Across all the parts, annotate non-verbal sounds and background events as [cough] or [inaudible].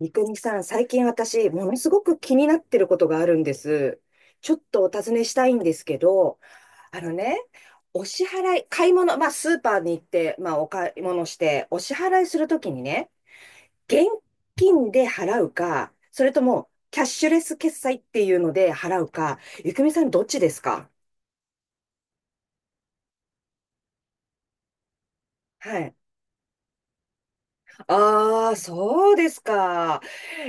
三国さん、最近私、ものすごく気になってることがあるんです。ちょっとお尋ねしたいんですけど、あのね、お支払い、買い物、まあ、スーパーに行って、まあ、お買い物して、お支払いするときにね、現金で払うか、それとも、キャッシュレス決済っていうので払うか、ゆくみさん、どっちですか？はい。ああ、そうですか。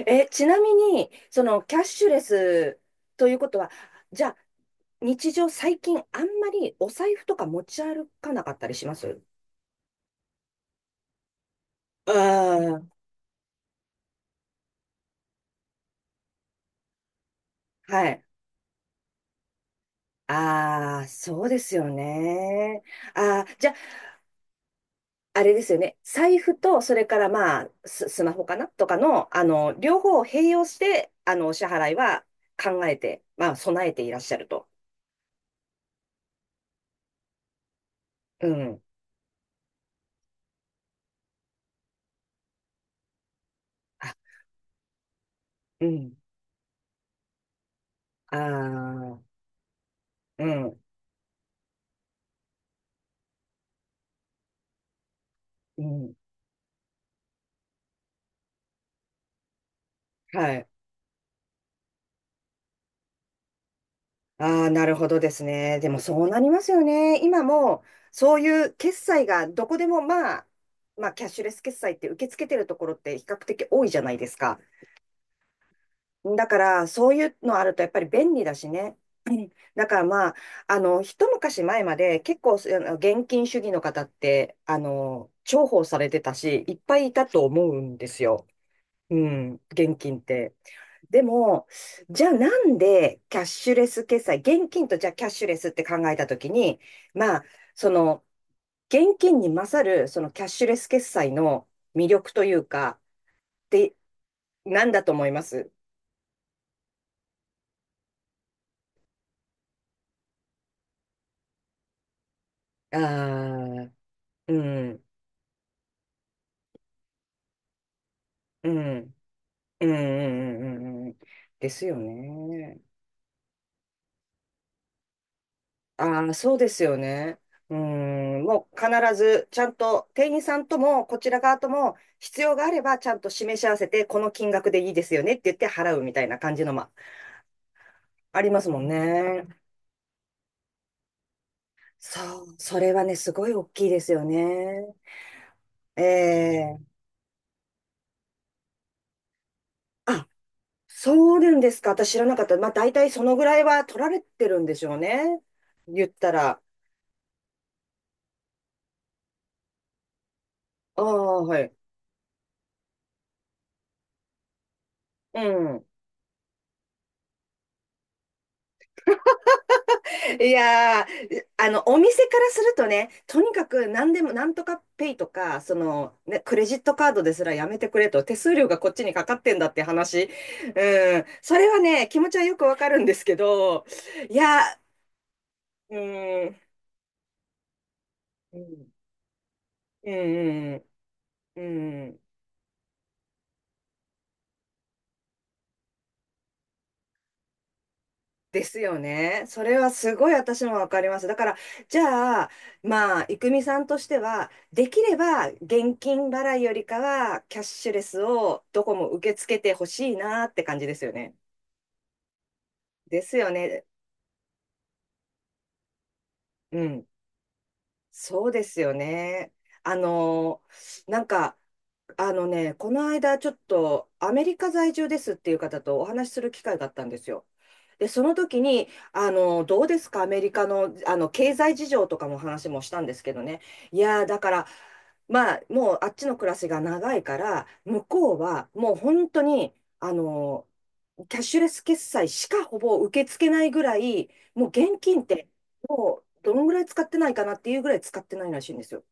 え、ちなみに、キャッシュレスということは、じゃあ、日常最近あんまりお財布とか持ち歩かなかったりしますうーん。はい。ああ、そうですよね。ああ、じゃあ、あれですよね。財布と、それからまあ、スマホかなとかの、両方を併用して、お支払いは考えて、まあ、備えていらっしゃると。うん。あ、うん。ああ、うん。うん。はい。ああ、なるほどですね。でもそうなりますよね。今も、そういう決済がどこでも、まあ、まあ、キャッシュレス決済って受け付けてるところって比較的多いじゃないですか。だから、そういうのあるとやっぱり便利だしね。うん。だからまあ、一昔前まで結構、現金主義の方って、重宝されてたし、いっぱいいたと思うんですよ。うん、現金って。でも、じゃあなんでキャッシュレス決済、現金とじゃあキャッシュレスって考えたときに、まあ、その、現金に勝る、そのキャッシュレス決済の魅力というか、って何だと思います？ああー、うん、うん、うん、うん、うん、うん。うんですよね。ああ、そうですよね。うん、もう必ずちゃんと店員さんともこちら側とも必要があればちゃんと示し合わせてこの金額でいいですよねって言って払うみたいな感じのもありますもんね。そう、それはね、すごい大きいですよね。ええ。あ、そうなんですか。私知らなかった。まあ大体そのぐらいは取られてるんでしょうね。言ったら。ああ、はい。うん。いやー、お店からするとね、とにかく何でも、なんとかペイとか、ね、クレジットカードですらやめてくれと、手数料がこっちにかかってんだって話。うん、それはね、気持ちはよくわかるんですけど、いやー、うん、うん、うん、うん、うん。ですよね。それはすごい私もわかります。だから、じゃあ、まあ、いくみさんとしては、できれば現金払いよりかは、キャッシュレスをどこも受け付けてほしいなって感じですよね。ですよね。うん。そうですよね。あの、なんか、あのね、この間ちょっとアメリカ在住ですっていう方とお話しする機会があったんですよ。で、その時に、どうですか、アメリカの、経済事情とかも話もしたんですけどね。いやー、だから、まあ、もうあっちの暮らしが長いから、向こうはもう本当に、あの、キャッシュレス決済しかほぼ受け付けないぐらい、もう現金って、もうどのぐらい使ってないかなっていうぐらい使ってないらしいんですよ。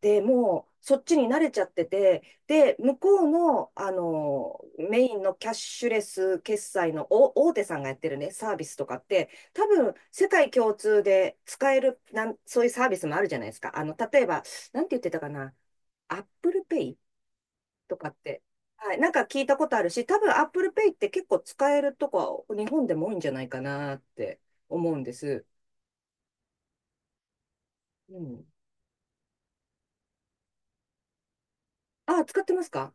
で、もうそっちに慣れちゃってて、で、向こうの、メインのキャッシュレス決済のお大手さんがやってるね、サービスとかって、多分世界共通で使えるなん、そういうサービスもあるじゃないですか。例えば、なんて言ってたかな、アップルペイとかって。はい。なんか聞いたことあるし、多分 Apple Pay って結構使えるとこは日本でも多いんじゃないかなって思うんです。うん。あ、使ってますか？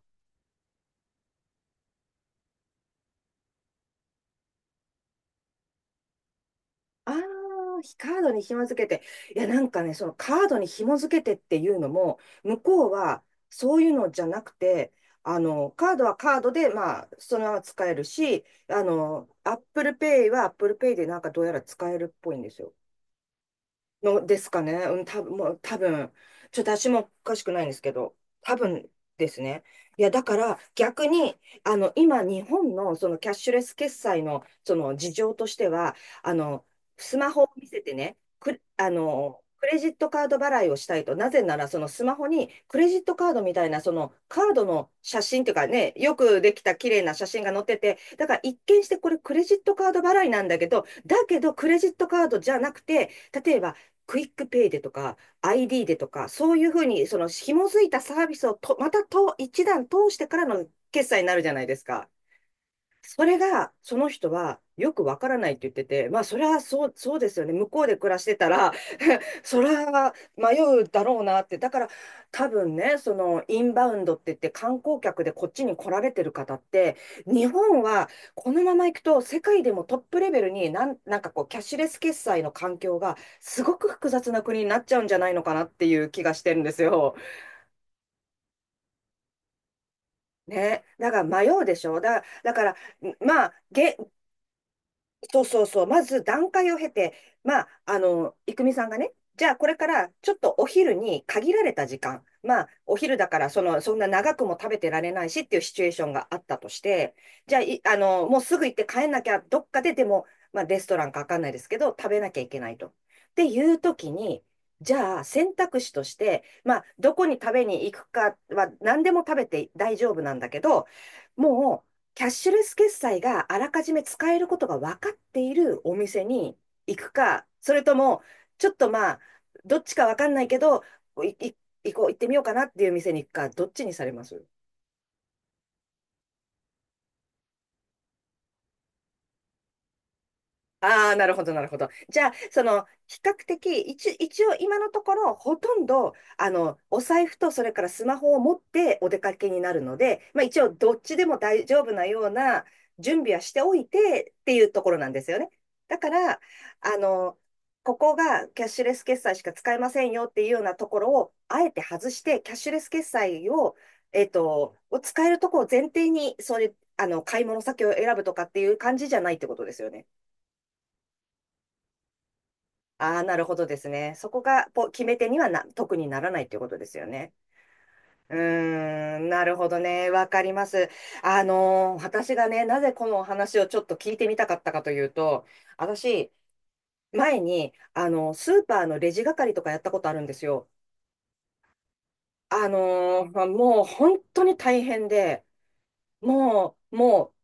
ああー、カードに紐付けて。いや、なんかね、そのカードに紐付けてっていうのも、向こうはそういうのじゃなくて、カードはカードで、まあ、そのまま使えるし、Apple Pay は Apple Pay でなんかどうやら使えるっぽいんですよ。のですかね。うん、多分、もう多分、ちょっと私もおかしくないんですけど、多分ですね。いや、だから逆に、今、日本のそのキャッシュレス決済のその事情としては、あの、スマホを見せてね、く、あの、クレジットカード払いをしたいと、なぜならそのスマホにクレジットカードみたいなそのカードの写真というかね、よくできた綺麗な写真が載ってて、だから一見してこれクレジットカード払いなんだけど、だけどクレジットカードじゃなくて、例えばクイックペイでとか、ID でとか、そういうふうに、その紐づいたサービスをと、またと一段通してからの決済になるじゃないですか。それが、その人はよくわからないって言ってて、まあ、それはそう、そうですよね。向こうで暮らしてたら、それは迷うだろうなって。だから多分ね、そのインバウンドって言って観光客でこっちに来られてる方って、日本はこのまま行くと世界でもトップレベルになん、こうキャッシュレス決済の環境がすごく複雑な国になっちゃうんじゃないのかなっていう気がしてるんですよ。ね。だから迷うでしょ。だから、まあ、そうそうそう、まず段階を経て、まあ、いくみさんがね、じゃあこれからちょっとお昼に限られた時間、まあ、お昼だからその、そんな長くも食べてられないしっていうシチュエーションがあったとして、じゃあ、い、あの、もうすぐ行って帰んなきゃ、どっかででも、まあ、レストランかわかんないですけど、食べなきゃいけないと。っていう時に、じゃあ選択肢として、まあ、どこに食べに行くかは何でも食べて大丈夫なんだけど、もキャッシュレス決済があらかじめ使えることが分かっているお店に行くか、それとも、ちょっとまあ、どっちか分かんないけど、い、い、行こう、行ってみようかなっていう店に行くか、どっちにされます？ああ、なるほど、なるほど。じゃあ、その、比較的、一応今のところ、ほとんど、お財布と、それからスマホを持ってお出かけになるので、まあ一応、どっちでも大丈夫なような準備はしておいてっていうところなんですよね。だから、あの、ここがキャッシュレス決済しか使えませんよっていうようなところを、あえて外して、キャッシュレス決済を、を使えるところを前提に、そういう、買い物先を選ぶとかっていう感じじゃないってことですよね。ああ、なるほどですね。そこが決め手には特にならないということですよね。うーん、なるほどね。わかります。私がね、なぜこのお話をちょっと聞いてみたかったかというと、私、前に、スーパーのレジ係とかやったことあるんですよ。まあもう本当に大変で、もう、もう、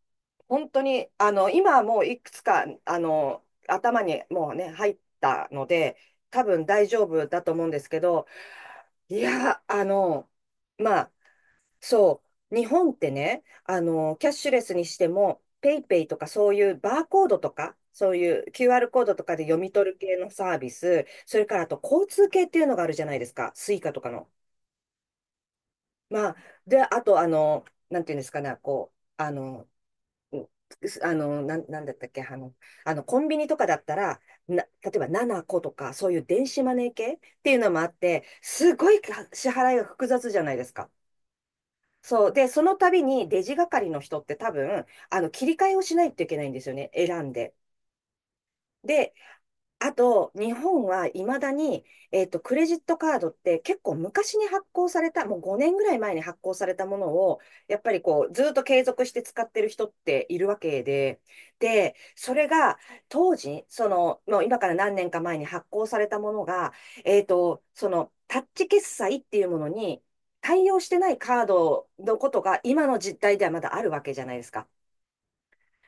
本当に、今はもういくつか、頭にもうね、入ったので、多分大丈夫だと思うんですけど、いや、まあ、そう、日本ってね、キャッシュレスにしても、ペイペイとかそういうバーコードとか、そういう QR コードとかで読み取る系のサービス、それからあと交通系っていうのがあるじゃないですか、スイカとかの。まあ、で、あと、なんていうんですかね、こう、うなんだったっけ、あのコンビニとかだったら、例えば7個とか、そういう電子マネー系っていうのもあって、すごい支払いが複雑じゃないですか。そう。で、その度にレジ係の人って多分、切り替えをしないといけないんですよね。選んで。で、あと、日本はいまだに、クレジットカードって結構昔に発行された、もう5年ぐらい前に発行されたものを、やっぱりこう、ずっと継続して使ってる人っているわけで、で、それが当時、その、もう今から何年か前に発行されたものが、その、タッチ決済っていうものに対応してないカードのことが今の実態ではまだあるわけじゃないですか。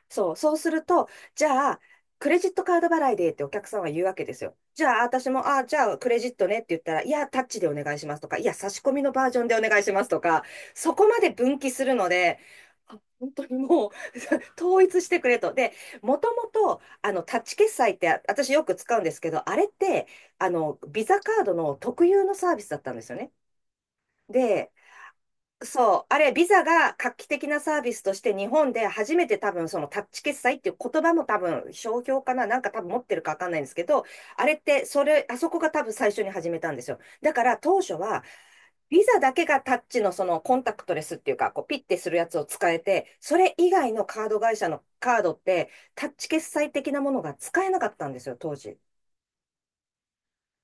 そう、そうすると、じゃあ、クレジットカード払いでってお客さんは言うわけですよ。じゃあ、私も、あ、じゃあ、クレジットねって言ったら、いや、タッチでお願いしますとか、いや、差し込みのバージョンでお願いしますとか、そこまで分岐するので、あ本当にもう [laughs] 統一してくれと。で、もともと、タッチ決済ってあ私よく使うんですけど、あれって、ビザカードの特有のサービスだったんですよね。で、そう、あれ、ビザが画期的なサービスとして日本で初めて多分そのタッチ決済っていう言葉も多分商標かな、なんか多分持ってるかわかんないんですけど、あれってそれ、あそこが多分最初に始めたんですよ。だから当初はビザだけがタッチのそのコンタクトレスっていうか、こうピッてするやつを使えて、それ以外のカード会社のカードってタッチ決済的なものが使えなかったんですよ、当時。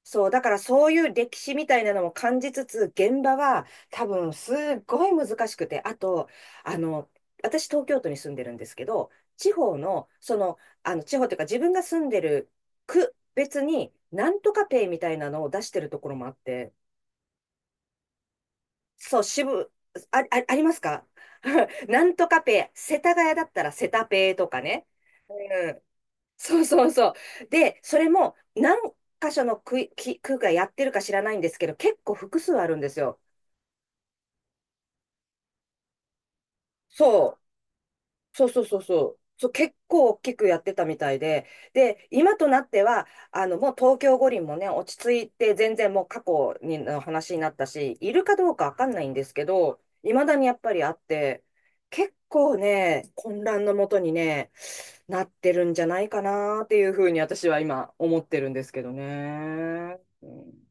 そう、だからそういう歴史みたいなのも感じつつ、現場は多分すっごい難しくて、あと、あの、私東京都に住んでるんですけど、地方の、その、地方というか自分が住んでる区別に、なんとかペイみたいなのを出してるところもあって、そう、あ、あ、ありますか [laughs] なんとかペイ、世田谷だったらセタペイとかね。そうそうそう。で、それも何箇所の区、き区がやってるか知らないんですけど、結構複数あるんですよ。そう。そうそうそうそう。そう、結構大きくやってたみたいで、で、今となっては、もう東京五輪もね、落ち着いて、全然もう過去にの話になったし、いるかどうかわかんないんですけど、いまだにやっぱりあって、結構ね、混乱のもとにね、なってるんじゃないかなっていうふうに私は今思ってるんですけどね。うん